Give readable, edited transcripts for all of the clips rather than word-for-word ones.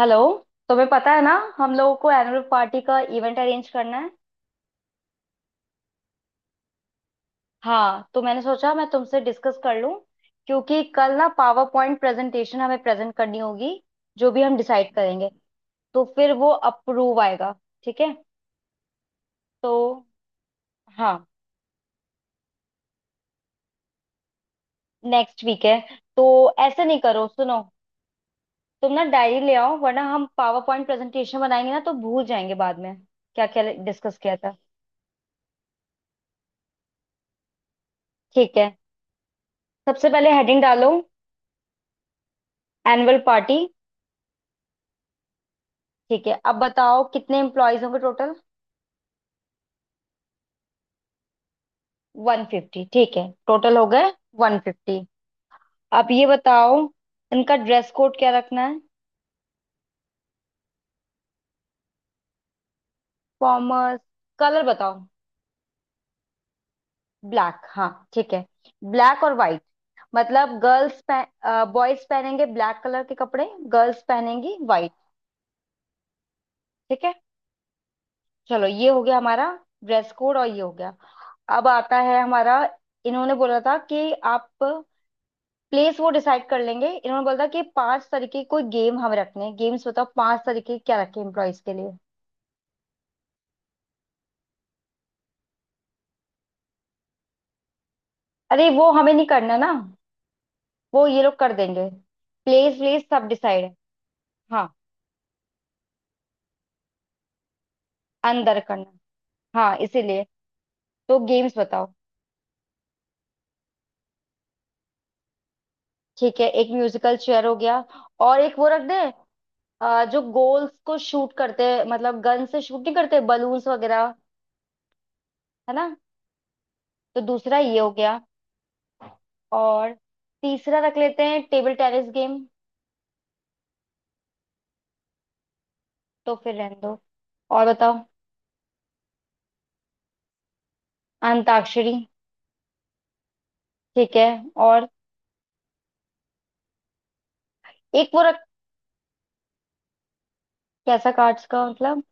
Hello. तुम्हें पता है ना। हम लोगों को एनुअल पार्टी का इवेंट अरेंज करना है। हाँ, तो मैंने सोचा मैं तुमसे डिस्कस कर लूं क्योंकि कल ना पावर पॉइंट प्रेजेंटेशन हमें प्रेजेंट करनी होगी। जो भी हम डिसाइड करेंगे तो फिर वो अप्रूव आएगा। ठीक है। तो हाँ, नेक्स्ट वीक है। तो ऐसे नहीं करो, सुनो। तुम ना डायरी ले आओ, वरना हम पावर पॉइंट प्रेजेंटेशन बनाएंगे ना तो भूल जाएंगे बाद में क्या क्या डिस्कस किया था। ठीक है। सबसे पहले हेडिंग डालो, एनुअल पार्टी। ठीक है, अब बताओ कितने एम्प्लॉयज होंगे टोटल। 150। ठीक है, टोटल हो गए। 150। अब ये बताओ इनका ड्रेस कोड क्या रखना है। फॉर्मल। कलर बताओ। ब्लैक, हाँ। ठीक है। ब्लैक और वाइट, मतलब गर्ल्स। बॉयज पहनेंगे ब्लैक कलर के कपड़े, गर्ल्स पहनेंगी वाइट। ठीक है। चलो, ये हो गया हमारा ड्रेस कोड, और ये हो गया। अब आता है हमारा। इन्होंने बोला था कि आप प्लेस वो डिसाइड कर लेंगे। इन्होंने बोला था कि पांच तरीके कोई गेम हम रखने हैं। गेम्स बताओ, पांच तरीके क्या रखे एम्प्लॉयज के लिए। अरे, वो हमें नहीं करना ना, वो ये लोग कर देंगे। प्लेस प्लेस सब डिसाइड है। हाँ, अंदर करना। हाँ, इसीलिए। तो गेम्स बताओ। ठीक है, एक म्यूजिकल चेयर हो गया। और एक वो रख दे। जो गोल्स को शूट करते हैं, मतलब गन से शूट नहीं करते, बलून्स वगैरह। है ना। तो दूसरा ये हो गया। और तीसरा रख लेते हैं, टेबल टेनिस गेम। तो फिर रहने दो। और बताओ। अंताक्षरी। ठीक है। और एक वो रख। कैसा कार्ड्स का मतलब।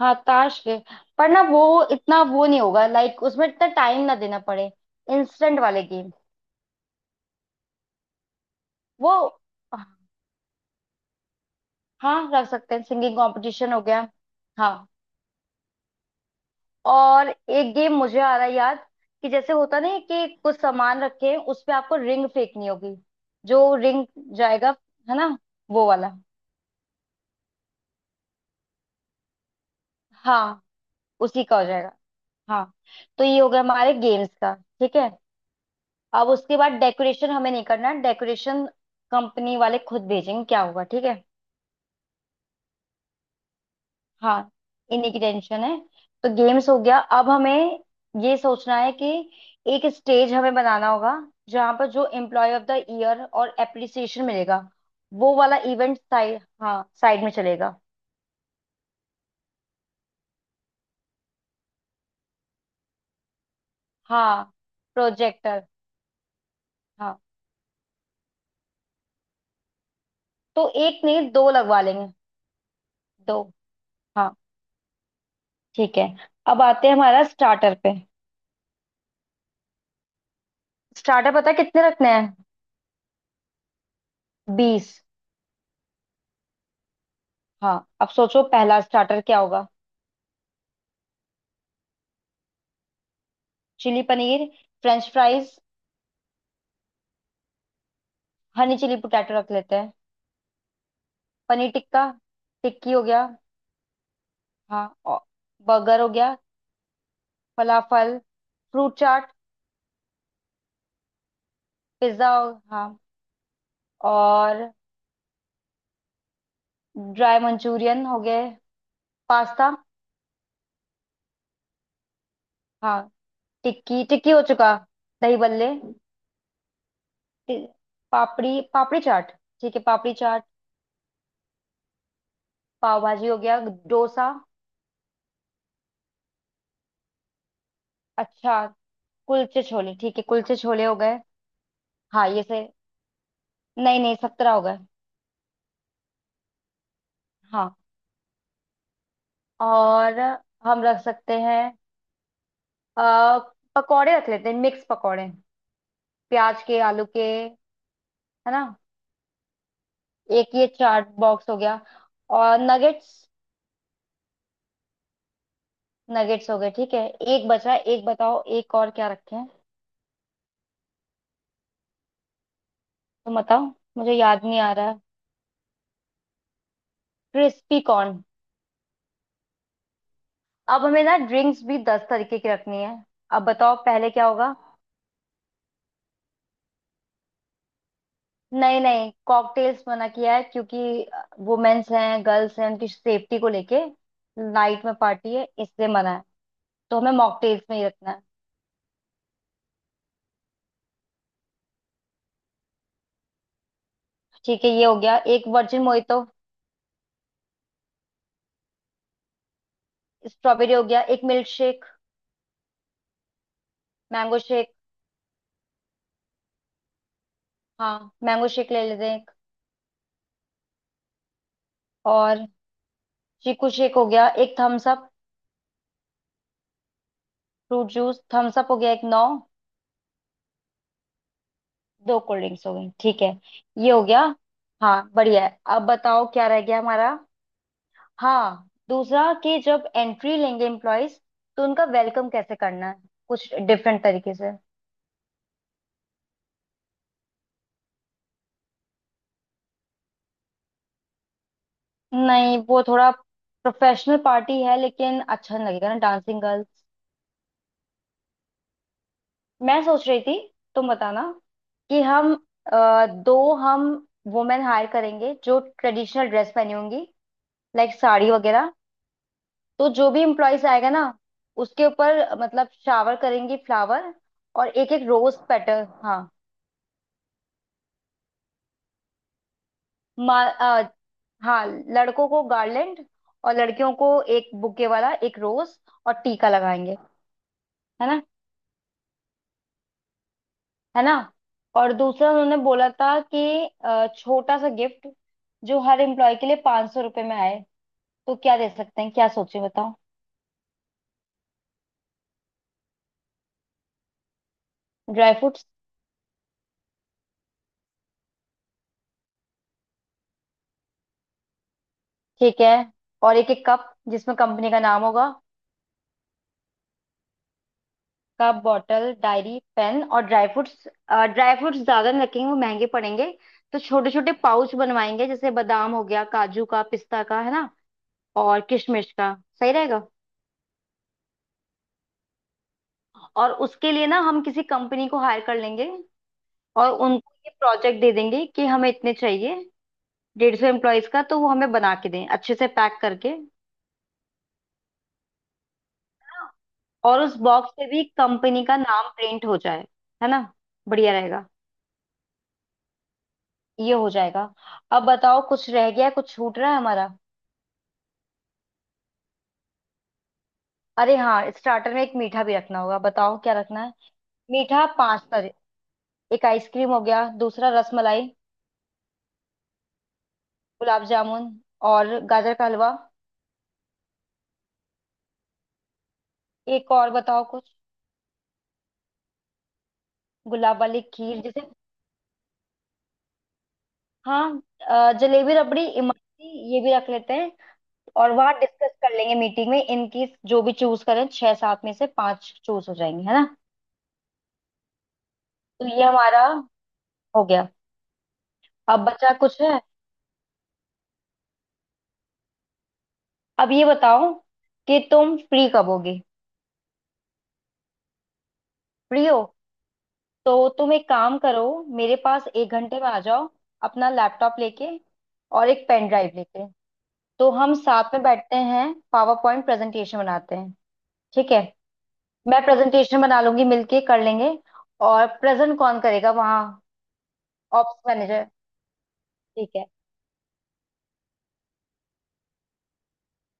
हाँ, ताश के। पर ना वो, इतना वो नहीं होगा, लाइक उसमें इतना टाइम ना देना पड़े। इंस्टेंट वाले गेम। वो, हाँ, रख सकते हैं, सिंगिंग कंपटीशन हो गया। हाँ, और एक गेम मुझे आ रहा है याद, कि जैसे होता नहीं है कि कुछ सामान रखे हैं, उस पे आपको रिंग फेंकनी होगी। जो रिंग जाएगा, है ना, वो वाला। हाँ, उसी का हो जाएगा। हाँ, तो ये हो गया हमारे गेम्स का। ठीक है। अब उसके बाद डेकोरेशन हमें नहीं करना, डेकोरेशन कंपनी वाले खुद भेजेंगे क्या होगा। ठीक है। हाँ, इन्हीं की टेंशन है। तो गेम्स हो गया, अब हमें ये सोचना है कि एक स्टेज हमें बनाना होगा जहाँ पर जो एम्प्लॉय ऑफ द ईयर और एप्रिसिएशन मिलेगा वो वाला इवेंट साइड, हाँ, साइड में चलेगा। हाँ, प्रोजेक्टर। हाँ, तो एक नहीं दो लगवा लेंगे। दो, हाँ, ठीक है। अब आते हैं हमारा स्टार्टर पे। स्टार्टर पता है कितने रखने हैं। 20। हाँ। अब सोचो पहला स्टार्टर क्या होगा। Chilli paneer, french fries. Honey chilli potato रख लेते हैं। पनीर टिक्का, टिक्की हो गया। हाँ, और बर्गर हो गया। Falafel, fruit chaat, pizza. हाँ, और ड्राई मंचूरियन हो गए। पास्ता। हाँ, टिक्की टिक्की हो चुका। दही बल्ले। ति- पापड़ी, पापड़ी चाट। ठीक है, पापड़ी चाट। पाव भाजी हो गया। डोसा, अच्छा। कुलचे छोले, ठीक है, कुलचे छोले हो गए। हाँ, ये से। नहीं नहीं, 17 हो गए। हाँ। और हम रख सकते हैं आ, पकौड़े, रख लेते हैं मिक्स पकौड़े। प्याज के, आलू के। है ना। एक ये चाट बॉक्स हो गया। और नगेट्स, नगेट्स हो गए। ठीक है, एक बचा है, एक बताओ, एक और क्या रखें। तुम बताओ। मुझे याद नहीं आ रहा है। Crispy corn. अब हमें ना ड्रिंक्स भी 10 तरीके की रखनी है। अब बताओ पहले क्या होगा। नहीं नहीं, कॉकटेल्स मना किया है, क्योंकि वुमेन्स हैं, गर्ल्स हैं, उनकी सेफ्टी को लेके, नाइट में पार्टी है, इसलिए मना है। तो हमें मॉकटेल्स में ही रखना है। ठीक है, ये हो गया। एक वर्जिन मोहितो, स्ट्रॉबेरी हो गया। एक मिल्क शेक। मैंगो शेक, हाँ, मैंगो शेक ले लेते हैं एक। और चीकू शेक हो गया। एक Thums Up, fruit juice, Thums Up हो गया, एक नौ। दो कोल्ड ड्रिंक्स हो गई। ठीक है, ये हो गया। हाँ, बढ़िया है। अब बताओ क्या रह गया हमारा। हाँ, दूसरा, कि जब एंट्री लेंगे एम्प्लॉयज तो उनका वेलकम कैसे करना है, कुछ डिफरेंट तरीके से। नहीं, वो थोड़ा प्रोफेशनल पार्टी है, लेकिन अच्छा नहीं लगेगा ना डांसिंग गर्ल्स। मैं सोच रही थी, तुम बताना, कि हम अ, दो हम वुमेन हायर करेंगे जो ट्रेडिशनल ड्रेस पहनी होंगी, लाइक साड़ी वगैरह। तो जो भी एम्प्लॉयज आएगा ना, उसके ऊपर मतलब शावर करेंगी फ्लावर, और एक एक रोज पेटल, हाँ। मा, अ, हाँ, लड़कों को गार्लैंड और लड़कियों को एक बुके वाला एक रोज, और टीका लगाएंगे। है ना। है ना। और दूसरा उन्होंने बोला था कि छोटा सा गिफ्ट, जो हर एम्प्लॉय के लिए 500 रुपए में आए, तो क्या दे सकते हैं, क्या सोचे बताओ। ड्राई फ्रूट्स, ठीक है। और एक एक कप जिसमें कंपनी का नाम होगा। कप, बॉटल, डायरी, पेन और ड्राई फ्रूट्स। ड्राई फ्रूट्स ज्यादा नहीं रखेंगे, वो महंगे पड़ेंगे। तो छोटे छोटे पाउच बनवाएंगे, जैसे बादाम हो गया, काजू का, पिस्ता का, है ना, और किशमिश का। सही रहेगा। और उसके लिए ना हम किसी कंपनी को हायर कर लेंगे और उनको ये प्रोजेक्ट दे देंगे कि हमें इतने चाहिए, 150 एम्प्लॉयज का, तो वो हमें बना के दें अच्छे से पैक करके। और उस बॉक्स पे भी कंपनी का नाम प्रिंट हो जाए। है ना। बढ़िया रहेगा, ये हो जाएगा। अब बताओ कुछ रह गया है, कुछ छूट रहा है हमारा। अरे हाँ, स्टार्टर में एक मीठा भी रखना होगा, बताओ क्या रखना है। मीठा पांच तरह। एक आइसक्रीम हो गया, दूसरा रसमलाई, गुलाब जामुन, और गाजर का हलवा। एक और बताओ कुछ। गुलाब वाली खीर जैसे। हाँ, जलेबी, रबड़ी, इमरती, ये भी रख लेते हैं। और वहां डिस्कस कर लेंगे मीटिंग में, इनकी जो भी चूज करें, छह सात में से पांच चूज हो जाएंगे, है ना। तो ये हमारा हो गया। अब बचा कुछ है। अब ये बताओ कि तुम फ्री कब होगे। फ्री हो, तो तुम एक काम करो, मेरे पास 1 घंटे में आ जाओ, अपना लैपटॉप लेके और एक पेन ड्राइव लेके। तो हम साथ में बैठते हैं, पावर पॉइंट प्रेजेंटेशन बनाते हैं। ठीक है। मैं प्रेजेंटेशन बना लूंगी, मिलके कर लेंगे। और प्रेजेंट कौन करेगा वहाँ, ऑप्स मैनेजर। ठीक है,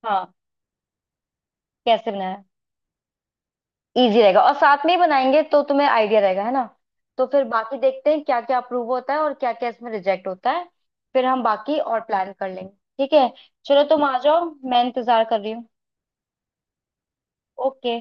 हाँ, कैसे बनाया। इजी रहेगा, और साथ में ही बनाएंगे तो तुम्हें आइडिया रहेगा, है ना। तो फिर बाकी देखते हैं क्या क्या अप्रूव होता है और क्या क्या इसमें रिजेक्ट होता है। फिर हम बाकी और प्लान कर लेंगे। ठीक है। चलो, तुम आ जाओ, मैं इंतजार कर रही हूँ। ओके।